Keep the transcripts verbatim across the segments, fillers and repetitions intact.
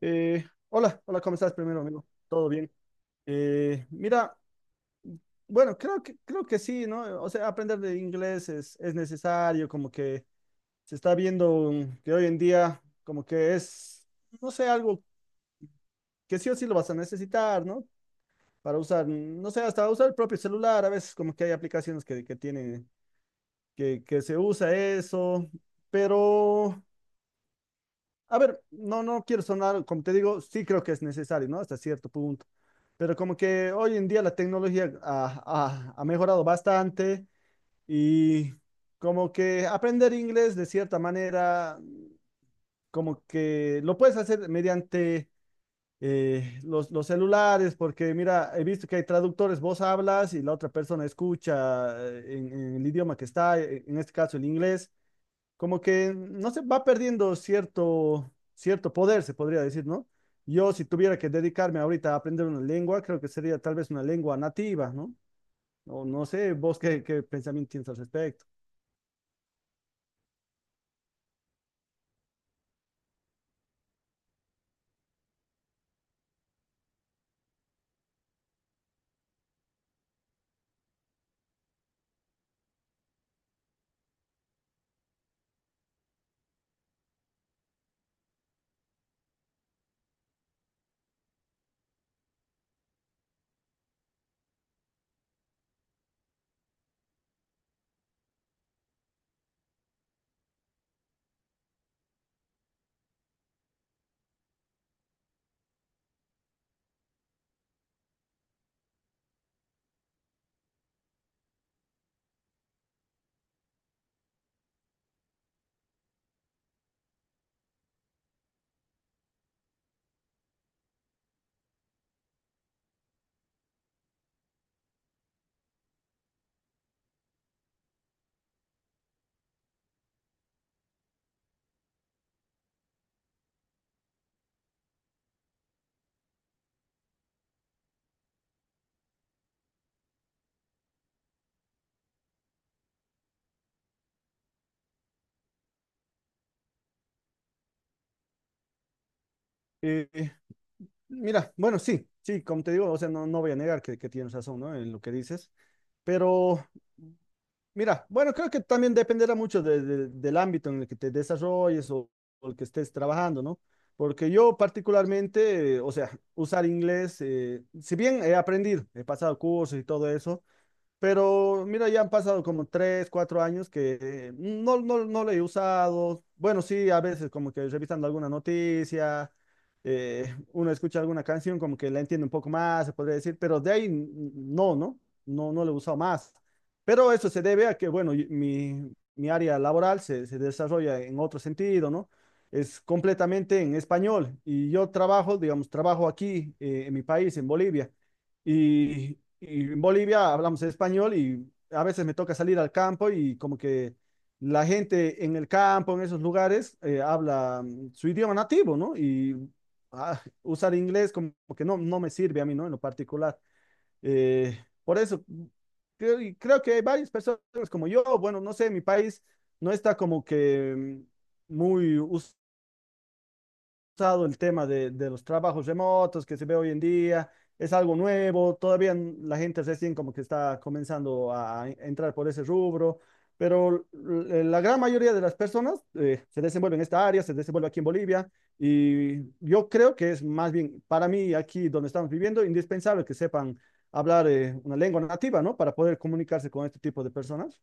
Eh, hola, hola, ¿cómo estás primero, amigo? ¿Todo bien? Eh, mira, bueno, creo que, creo que sí, ¿no? O sea, aprender de inglés es, es necesario, como que se está viendo mm, que hoy en día como que es, no sé, algo que sí o sí lo vas a necesitar, ¿no? Para usar, mm, no sé, hasta usar el propio celular. A veces como que hay aplicaciones que, que tienen, que, que se usa eso, pero, a ver, no, no quiero sonar, como te digo, sí creo que es necesario, ¿no? Hasta cierto punto. Pero como que hoy en día la tecnología ha, ha- ha mejorado bastante y como que aprender inglés de cierta manera, como que lo puedes hacer mediante eh, los, los celulares, porque mira, he visto que hay traductores, vos hablas y la otra persona escucha eh, en, en el idioma que está, eh, en este caso el inglés, como que, no sé, va perdiendo cierto, cierto poder, se podría decir, ¿no? Yo, si tuviera que dedicarme ahorita a aprender una lengua, creo que sería tal vez una lengua nativa, ¿no? O no sé, vos qué, qué pensamiento tienes al respecto. Eh, Mira, bueno, sí, sí, como te digo, o sea, no, no voy a negar que, que tienes razón, ¿no? En lo que dices, pero mira, bueno, creo que también dependerá mucho de- de- del ámbito en el que te desarrolles o, o el que estés trabajando, ¿no? Porque yo particularmente, eh, o sea, usar inglés, eh, si bien he aprendido, he pasado cursos y todo eso, pero mira, ya han pasado como tres, cuatro años que eh, no, no, no lo he usado. Bueno, sí, a veces como que revisando alguna noticia, eh, uno escucha alguna canción como que la entiende un poco más, se podría decir, pero de ahí n- no, ¿no? No, no lo he usado más. Pero eso se debe a que, bueno, y- mi, mi área laboral se, se desarrolla en otro sentido, ¿no? Es completamente en español y yo trabajo, digamos, trabajo aquí eh, en mi país, en Bolivia. Y, y en Bolivia hablamos español y a veces me toca salir al campo, y como que la gente en el campo, en esos lugares, eh, habla mm, su idioma nativo, ¿no? Y ah, usar inglés como que no, no me sirve a mí, ¿no? En lo particular. Eh, por eso, mm, creo, y creo que hay varias personas como yo. Bueno, no sé, mi país no está como que mm, muy, el tema de, de los trabajos remotos que se ve hoy en día, es algo nuevo, todavía la gente recién como que está comenzando a entrar por ese rubro. Pero la gran mayoría de las personas eh, se desenvuelven en esta área, se desenvuelve aquí en Bolivia, y yo creo que es más bien para mí, aquí donde estamos viviendo, indispensable que sepan hablar eh, una lengua nativa, ¿no? Para poder comunicarse con este tipo de personas.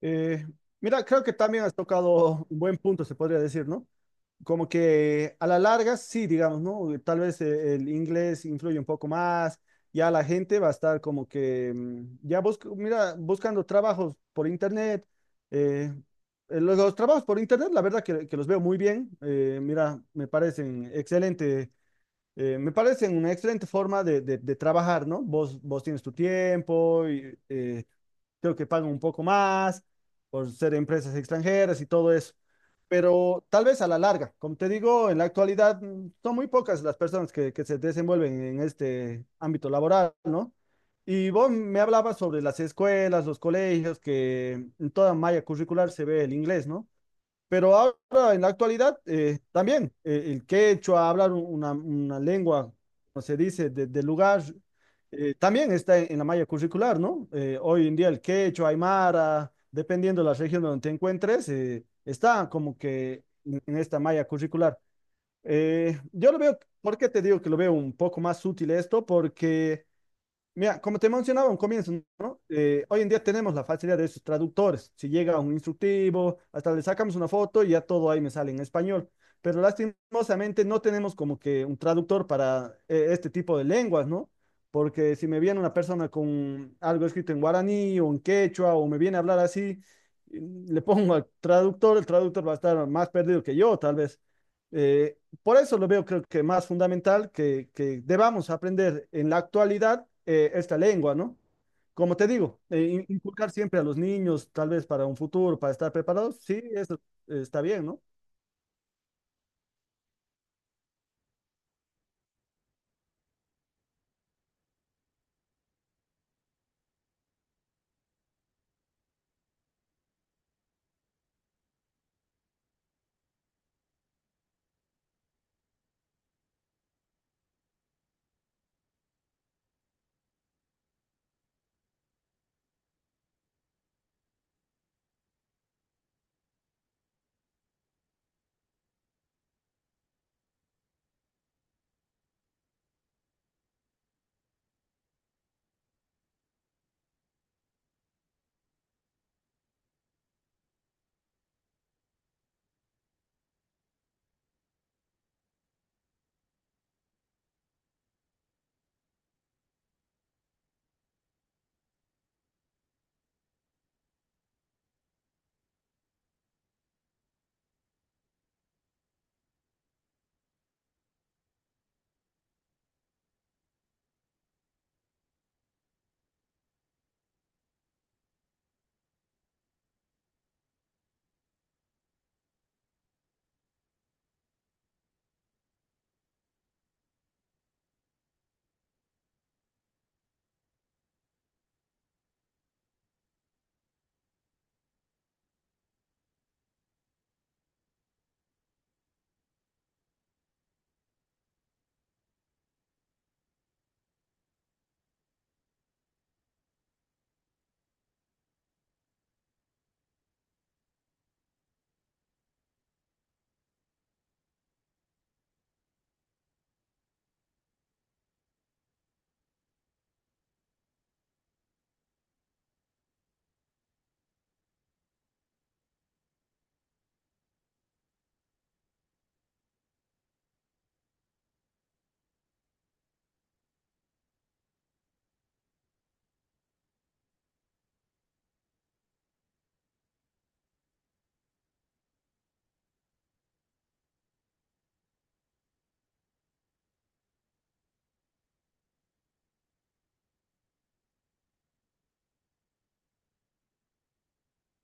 Eh, Mira, creo que también has tocado un buen punto, se podría decir, ¿no? Como que a la larga, sí, digamos, ¿no? Eh, Tal vez eh, el inglés influye un poco más, ya la gente va a estar como que, mm, ya busca, mira, buscando trabajos por internet. eh, eh, los, los trabajos por internet, la verdad que, que los veo muy bien, eh, mira, me parecen excelentes, eh, me parece una excelente forma de, de- de trabajar, ¿no? Vos, vos tienes tu tiempo y eh, creo que pagan un poco más por ser empresas extranjeras y todo eso. Pero tal vez a la larga, como te digo, en la actualidad mm, son muy pocas las personas que, que se desenvuelven en este ámbito laboral, ¿no? Y vos me hablabas sobre las escuelas, los colegios, que en toda malla curricular se ve el inglés, ¿no? Pero ahora, en la actualidad, eh, también eh, el quechua, hablar una, una lengua, como se dice, de- del lugar, eh, también está en, en la malla curricular, ¿no? Eh, hoy en día el quechua, aymara, dependiendo de la región donde te encuentres, eh, está como que en, en esta malla curricular. Eh, yo lo veo, ¿por qué te digo que lo veo un poco más útil esto? Porque mira, como te mencionaba un comienzo, ¿no? Eh, hoy en día tenemos la facilidad de esos traductores. Si llega un instructivo, hasta le sacamos una foto y ya todo ahí me sale en español. Pero lastimosamente no tenemos como que un traductor para eh, este tipo de lenguas, ¿no? Porque si me viene una persona con algo escrito en guaraní o en quechua, o me viene a hablar así, eh, le pongo al traductor, el traductor va a estar más perdido que yo, tal vez. Eh, por eso lo veo, creo que más fundamental que, que debamos aprender en la actualidad eh, esta lengua, ¿no? Como te digo, eh, in- inculcar siempre a los niños, tal vez para un futuro, para estar preparados. Sí, eso eh, está bien, ¿no?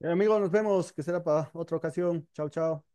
Eh, amigo, nos vemos, que será para otra ocasión. Chao, chao.